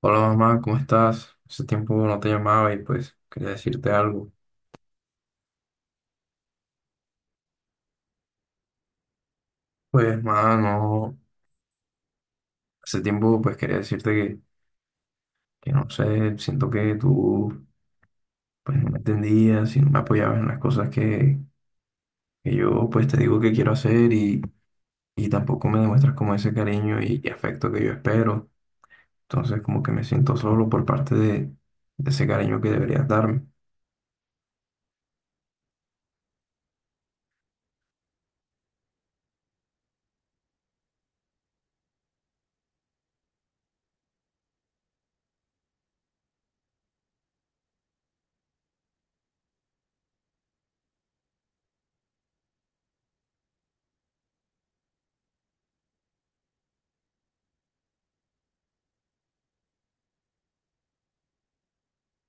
Hola mamá, ¿cómo estás? Hace tiempo no te llamaba y pues quería decirte algo. Pues mamá, no, hace tiempo pues quería decirte que, no sé, siento que tú pues no me entendías y no me apoyabas en las cosas que yo pues te digo que quiero hacer y tampoco me demuestras como ese cariño y afecto que yo espero. Entonces como que me siento solo por parte de ese cariño que deberías darme.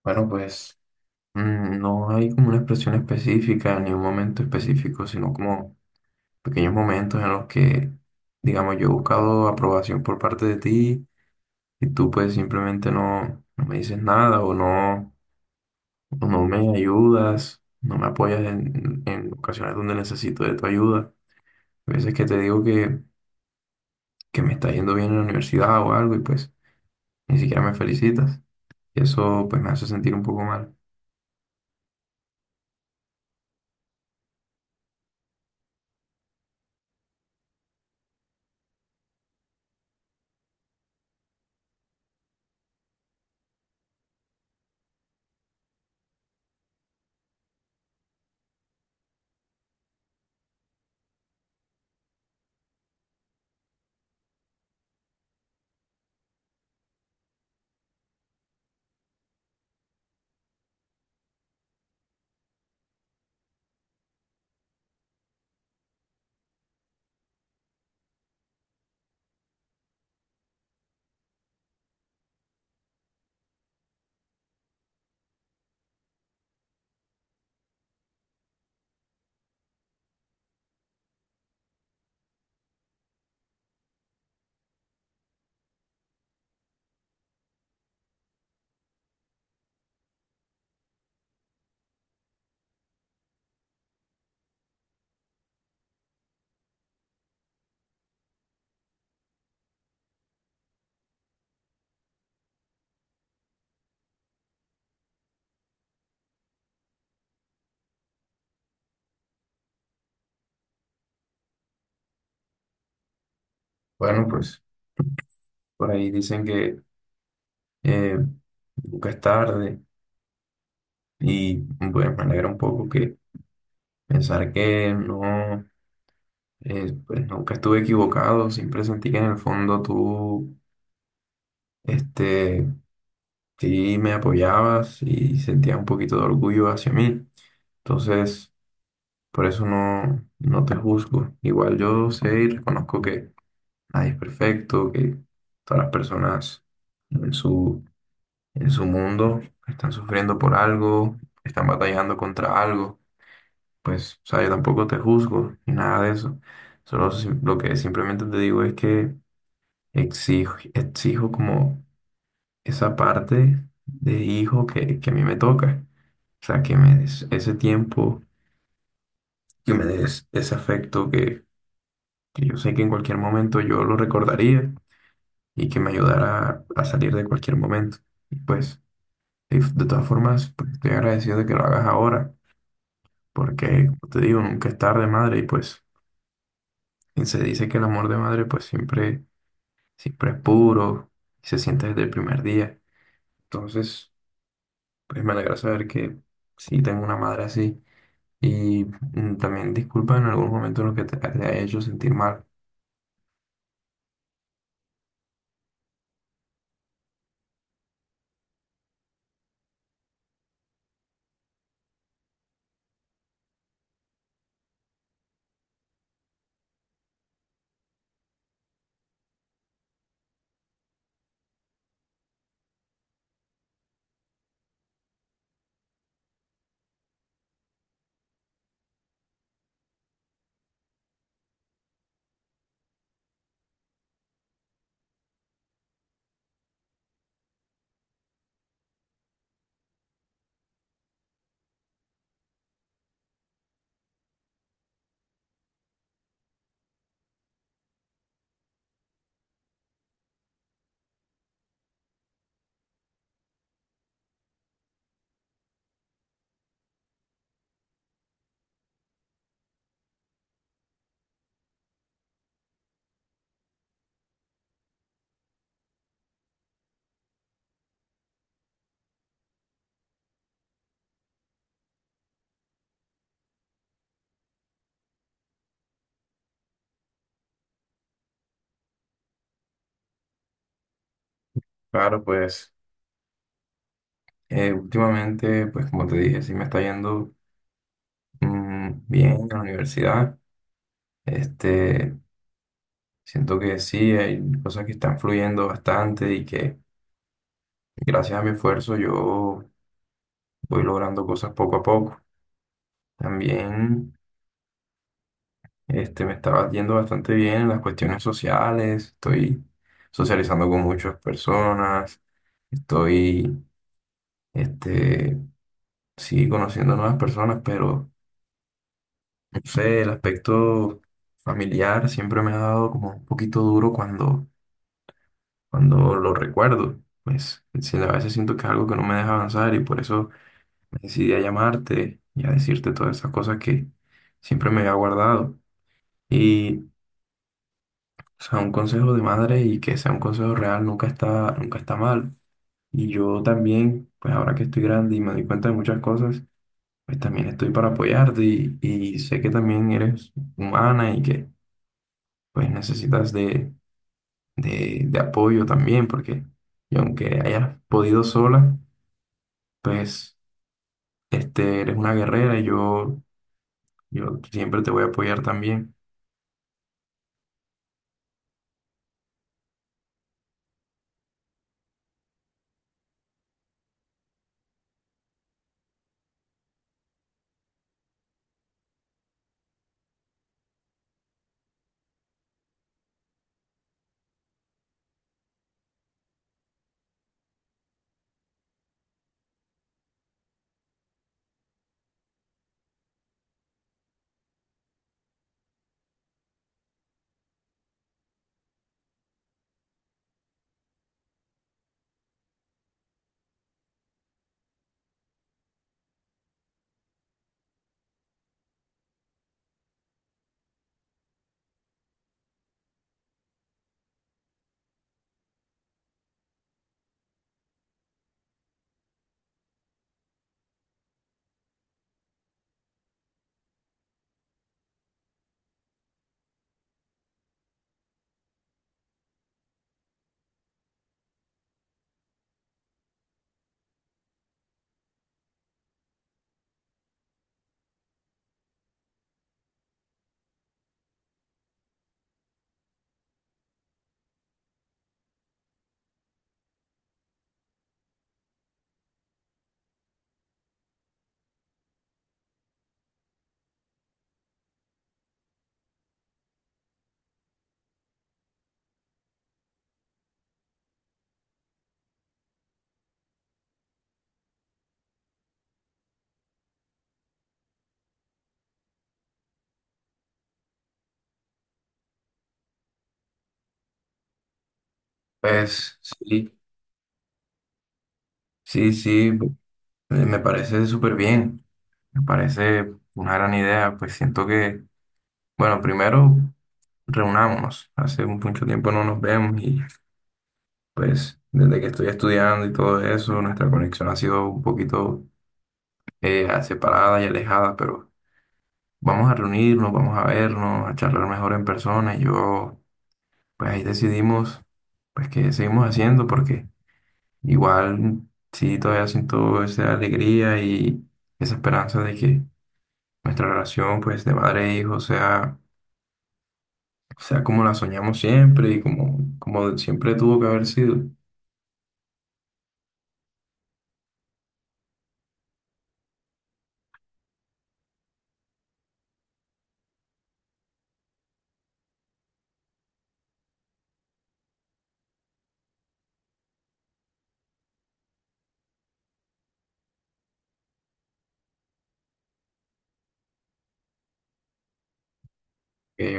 Bueno, pues no hay como una expresión específica ni un momento específico, sino como pequeños momentos en los que, digamos, yo he buscado aprobación por parte de ti y tú pues simplemente no me dices nada o no me ayudas, no me apoyas en ocasiones donde necesito de tu ayuda. A veces que te digo que me está yendo bien en la universidad o algo y pues ni siquiera me felicitas. Y eso pues me hace sentir un poco mal. Bueno, pues por ahí dicen que eh, nunca es tarde y bueno, me alegra un poco que pensar que no. Pues nunca estuve equivocado, siempre sentí que en el fondo tú, este, sí me apoyabas y sentía un poquito de orgullo hacia mí. Entonces, por eso no, no te juzgo. Igual yo sé y reconozco que nadie es perfecto, que todas las personas en su, en su mundo están sufriendo por algo, están batallando contra algo. Pues, o sea, yo tampoco te juzgo ni nada de eso. Lo que simplemente te digo es que exijo como esa parte de hijo que a mí me toca. O sea, que me des ese tiempo, que me des ese afecto que yo sé que en cualquier momento yo lo recordaría y que me ayudara a salir de cualquier momento. Y pues, y de todas formas, pues, estoy agradecido de que lo hagas ahora, porque, como te digo, nunca es tarde, madre, y pues, y se dice que el amor de madre, pues siempre, siempre es puro y se siente desde el primer día. Entonces, pues me alegra saber que sí, tengo una madre así. Y también disculpa en algún momento lo que te ha hecho sentir mal. Claro, pues últimamente, pues como te dije, sí me está yendo bien en la universidad. Este, Siento que sí, hay cosas que están fluyendo bastante y que gracias a mi esfuerzo yo voy logrando cosas poco a poco. También me estaba yendo bastante bien en las cuestiones sociales, estoy socializando con muchas personas, estoy, este, sí, conociendo nuevas personas, pero no sé, el aspecto familiar siempre me ha dado como un poquito duro cuando lo recuerdo. Pues sí, a veces siento que es algo que no me deja avanzar y por eso me decidí a llamarte y a decirte todas esas cosas que siempre me había guardado. Y o sea, un consejo de madre y que sea un consejo real nunca está, nunca está mal. Y yo también, pues ahora que estoy grande y me doy cuenta de muchas cosas, pues también estoy para apoyarte y sé que también eres humana y que pues necesitas de apoyo también, porque y aunque hayas podido sola, pues eres una guerrera yo siempre te voy a apoyar también. Pues sí, sí, sí, me parece súper bien. Me parece una gran idea, pues siento bueno, primero reunámonos. Hace mucho tiempo no nos vemos y pues desde que estoy estudiando y todo eso, nuestra conexión ha sido un poquito separada y alejada, pero vamos a reunirnos, vamos a vernos, a charlar mejor en persona y yo, pues ahí decidimos, pues que seguimos haciendo porque igual sí todavía siento esa alegría y esa esperanza de que nuestra relación, pues de madre e hijo sea, o sea, como la soñamos siempre y como siempre tuvo que haber sido. Ok,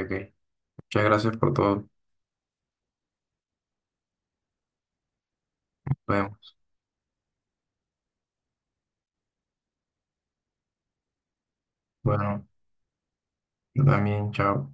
ok. Muchas gracias por todo. Nos vemos. Bueno, yo también, chao.